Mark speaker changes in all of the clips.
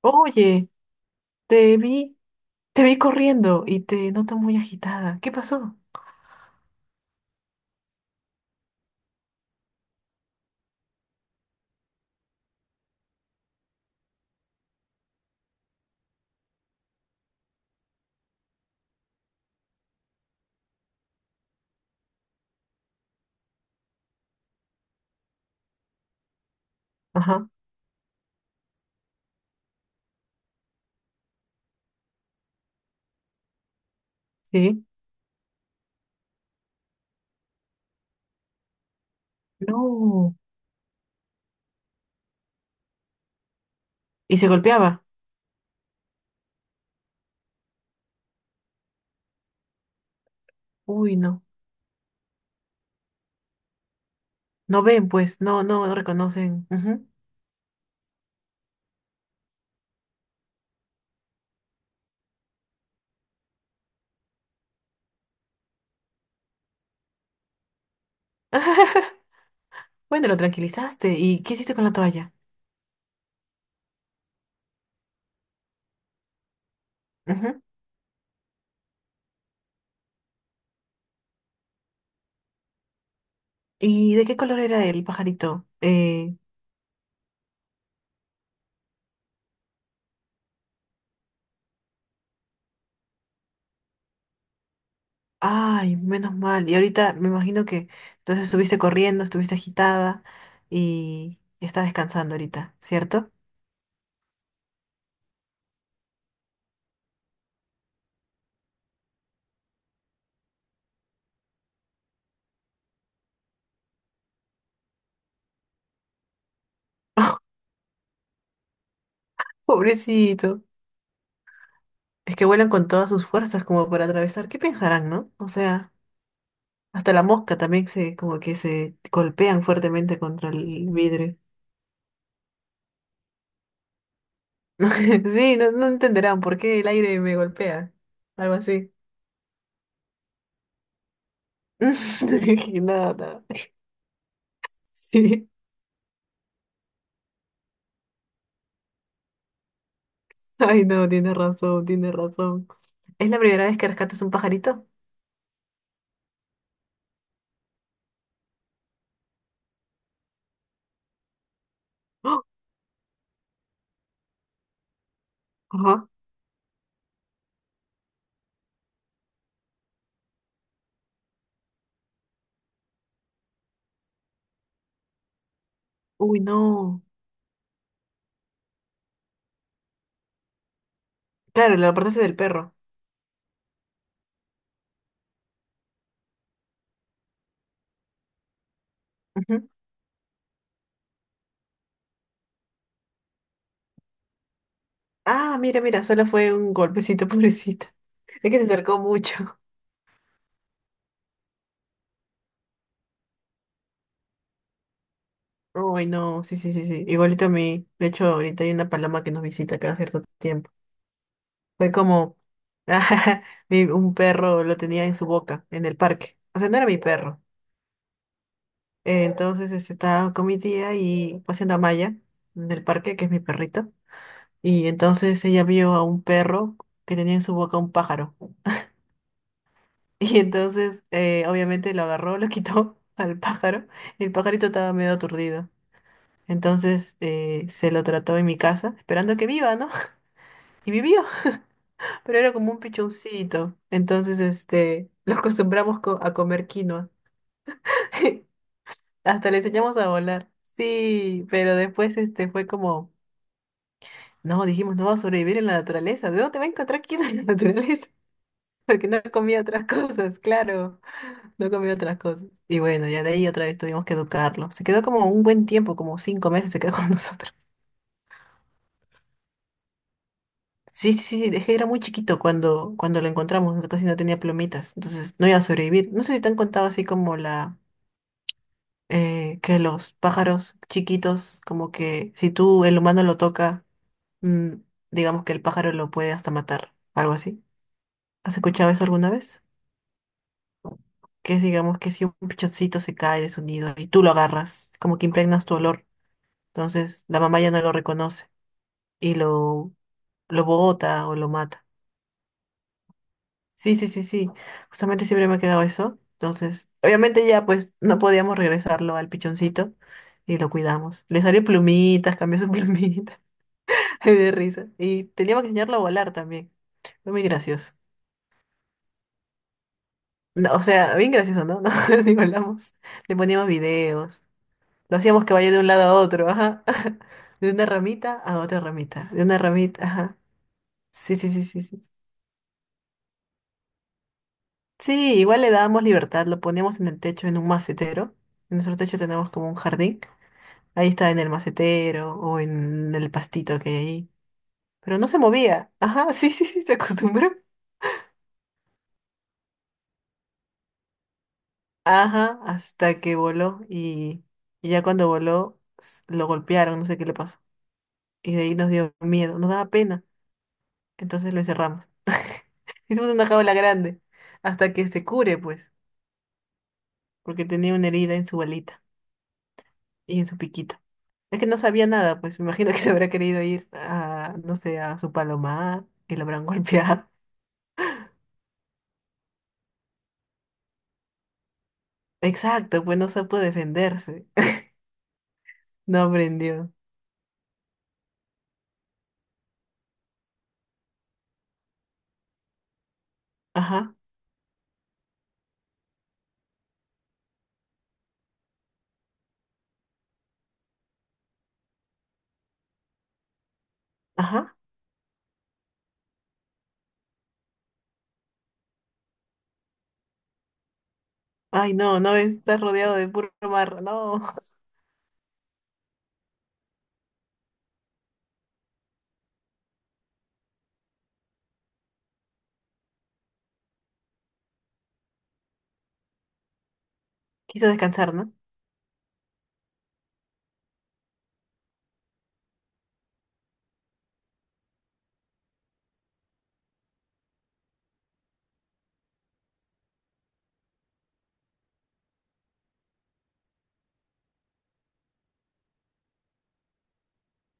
Speaker 1: Oye, te vi, te vi corriendo y te noto muy agitada. ¿Qué pasó? Ajá, sí. No. Y se golpeaba. Uy, no. No ven, pues, no reconocen. Ujú. Bueno, lo tranquilizaste. ¿Y qué hiciste con la toalla? Ujú. ¿Y de qué color era el pajarito? Ay, menos mal. Y ahorita me imagino que entonces estuviste corriendo, estuviste agitada y está descansando ahorita, ¿cierto? Pobrecito. Es que vuelan con todas sus fuerzas como para atravesar. ¿Qué pensarán, no? O sea, hasta la mosca también se, como que se golpean fuertemente contra el vidrio. Sí, no, no entenderán por qué el aire me golpea. Algo así. Nada, nada. Sí. Ay, no, tiene razón, tiene razón. ¿Es la primera vez que rescatas un pajarito? ¡Oh! Ajá. Uy, no. Claro, la apartaste del perro. Ujú. Ah, mira, mira, solo fue un golpecito, pobrecita. Es que se acercó mucho. Uy, no, sí, sí, sí, sí. Igualito a mí. De hecho, ahorita hay una paloma que nos visita cada cierto tiempo. Fue como un perro lo tenía en su boca, en el parque. O sea, no era mi perro. Entonces estaba con mi tía y paseando a Maya en el parque, que es mi perrito. Y entonces ella vio a un perro que tenía en su boca un pájaro. Y entonces, obviamente, lo agarró, lo quitó al pájaro. Y el pajarito estaba medio aturdido. Entonces se lo trató en mi casa, esperando que viva, ¿no? Y vivió, pero era como un pichoncito. Entonces, este, lo acostumbramos a comer quinoa. Hasta le enseñamos a volar. Sí, pero después, este, fue como, no, dijimos, no va a sobrevivir en la naturaleza. ¿De dónde va a encontrar quinoa en la naturaleza? Porque no comía otras cosas, claro, no comía otras cosas. Y bueno, ya de ahí otra vez tuvimos que educarlo. Se quedó como un buen tiempo, como cinco meses se quedó con nosotros. Sí, sí, sí, dejé era muy chiquito cuando, cuando lo encontramos, casi no tenía plumitas, entonces no iba a sobrevivir. No sé si te han contado así como la que los pájaros chiquitos, como que si tú el humano lo toca, mm, digamos que el pájaro lo puede hasta matar, algo así. ¿Has escuchado eso alguna vez? Que es digamos que si un pichoncito se cae de su nido y tú lo agarras, como que impregnas tu olor, entonces la mamá ya no lo reconoce y lo, lo bota o lo mata. Sí, sí, sí, sí. Justamente siempre me ha quedado eso. Entonces, obviamente ya pues no podíamos regresarlo al pichoncito y lo cuidamos. Le salió plumitas, cambió su plumita. Ay, de risa. Y teníamos que enseñarlo a volar también. Fue muy gracioso. No, o sea, bien gracioso, ¿no? No, ni volamos. Le poníamos videos. Lo hacíamos que vaya de un lado a otro, ajá. De una ramita a otra ramita. De una ramita, ajá. Sí, sí, sí, sí, sí. Sí, sí, igual le dábamos libertad. Lo poníamos en el techo, en un macetero. En nuestro techo tenemos como un jardín. Ahí estaba en el macetero o en el pastito que hay ahí. Pero no se movía. Ajá, sí, sí, sí, se acostumbró. Ajá, hasta que voló y ya cuando voló lo golpearon, no sé qué le pasó. Y de ahí nos dio miedo, nos daba pena. Entonces lo encerramos. Hicimos una jaula grande hasta que se cure, pues, porque tenía una herida en su balita y en su piquito. Es que no sabía nada, pues me imagino que se habrá querido ir a, no sé, a su palomar y lo habrán golpeado. Exacto, pues no supo defenderse. No aprendió. Ajá, ajá. Ay, no, no está rodeado de puro mar. No. Quiso descansar, ¿no?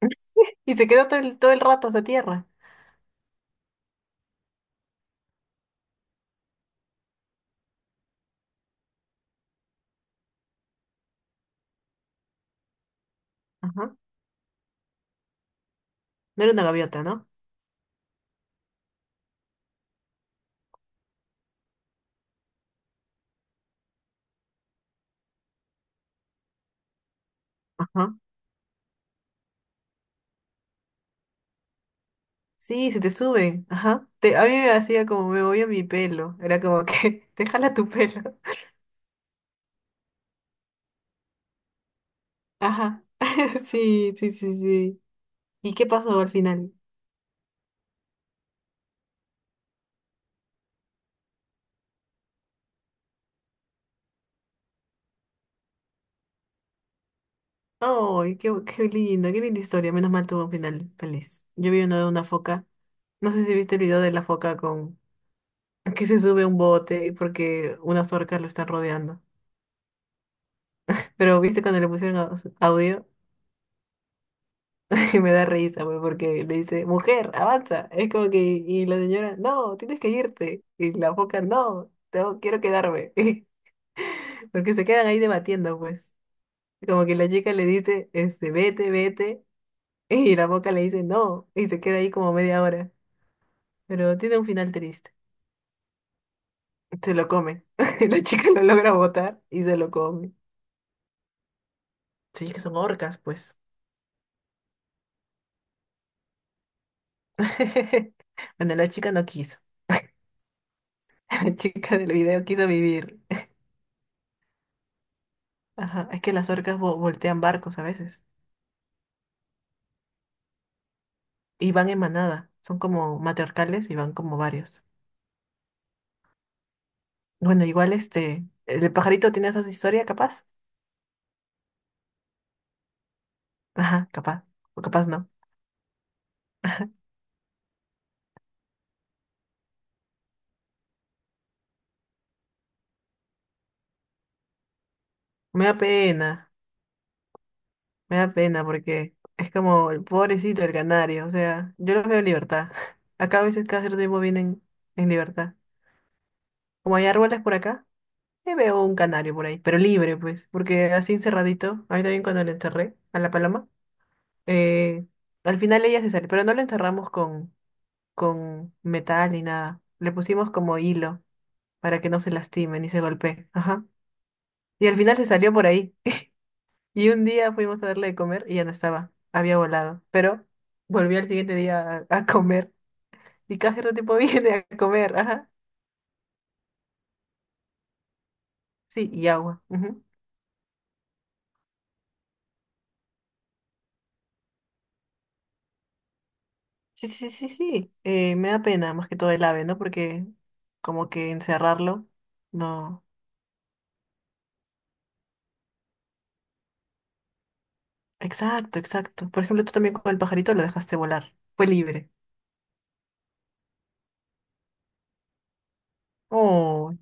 Speaker 1: Y se quedó todo el rato hasta tierra. Ajá. No era una gaviota, ¿no? Ajá. Sí, se te sube. Ajá. A mí me hacía como me voy a mi pelo. Era como que te jala tu pelo. Ajá. Sí, sí, sí, sí. ¿Y qué pasó al final? Ay, qué linda historia. Menos mal tuvo un final feliz. Yo vi uno de una foca. No sé si viste el video de la foca con que se sube a un bote porque unas orcas lo están rodeando. Pero viste cuando le pusieron audio, que me da risa, pues, porque le dice, mujer, avanza. Es como que, y la señora, no, tienes que irte. Y la foca, no, quiero quedarme. Porque se quedan ahí debatiendo, pues. Como que la chica le dice, este, vete, vete. Y la foca le dice, no. Y se queda ahí como media hora. Pero tiene un final triste. Se lo come. La chica lo logra botar y se lo come. Sí, es que son orcas, pues. Bueno, la chica no quiso. La chica del video quiso vivir. Ajá, es que las orcas voltean barcos a veces. Y van en manada. Son como matriarcales y van como varios. Bueno, igual este, el pajarito tiene esa historia, capaz. Ajá, capaz. O capaz no. Me da pena. Me da pena porque es como el pobrecito el canario. O sea, yo los veo en libertad. Acá a veces cada cierto tiempo vienen en libertad. Como hay árboles por acá. Sí veo un canario por ahí, pero libre, pues, porque así encerradito, a mí también cuando le enterré a la paloma, eh, al final ella se salió, pero no la enterramos con metal ni nada, le pusimos como hilo para que no se lastime ni se golpee, ajá, y al final se salió por ahí, y un día fuimos a darle de comer y ya no estaba, había volado, pero volvió al siguiente día a comer, y cada cierto tiempo viene a comer, ajá, sí, y agua, ujú. Sí, sí, sí, sí. Me da pena más que todo el ave, ¿no? Porque como que encerrarlo, no. Exacto, exacto. Por ejemplo, tú también con el pajarito lo dejaste volar. Fue libre. Oh,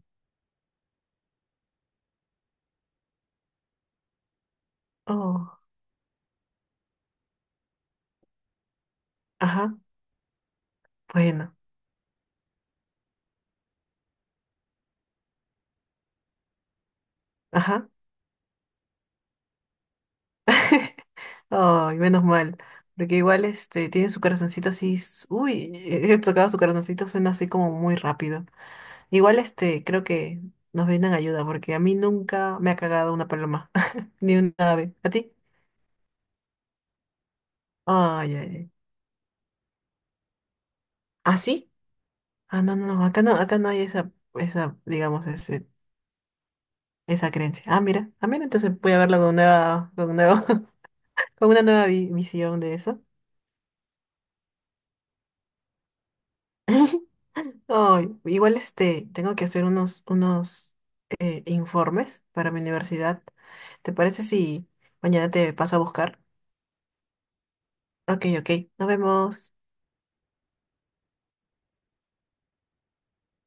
Speaker 1: oh. Ajá. Bueno. Ajá. Ay, menos mal. Porque igual este tiene su corazoncito así. Uy, he tocado su corazoncito, suena así como muy rápido. Igual este, creo que nos brindan ayuda, porque a mí nunca me ha cagado una paloma, ni un ave. ¿A ti? Ay, ay, ay. ¿Ah, sí? Ah, no, no, no, acá no, acá no hay esa, digamos, esa creencia. Ah, mira, entonces voy a verlo con nuevo, con una nueva visión de eso. Ay, igual este, tengo que hacer unos informes para mi universidad. ¿Te parece si mañana te paso a buscar? Ok, ok, nos vemos.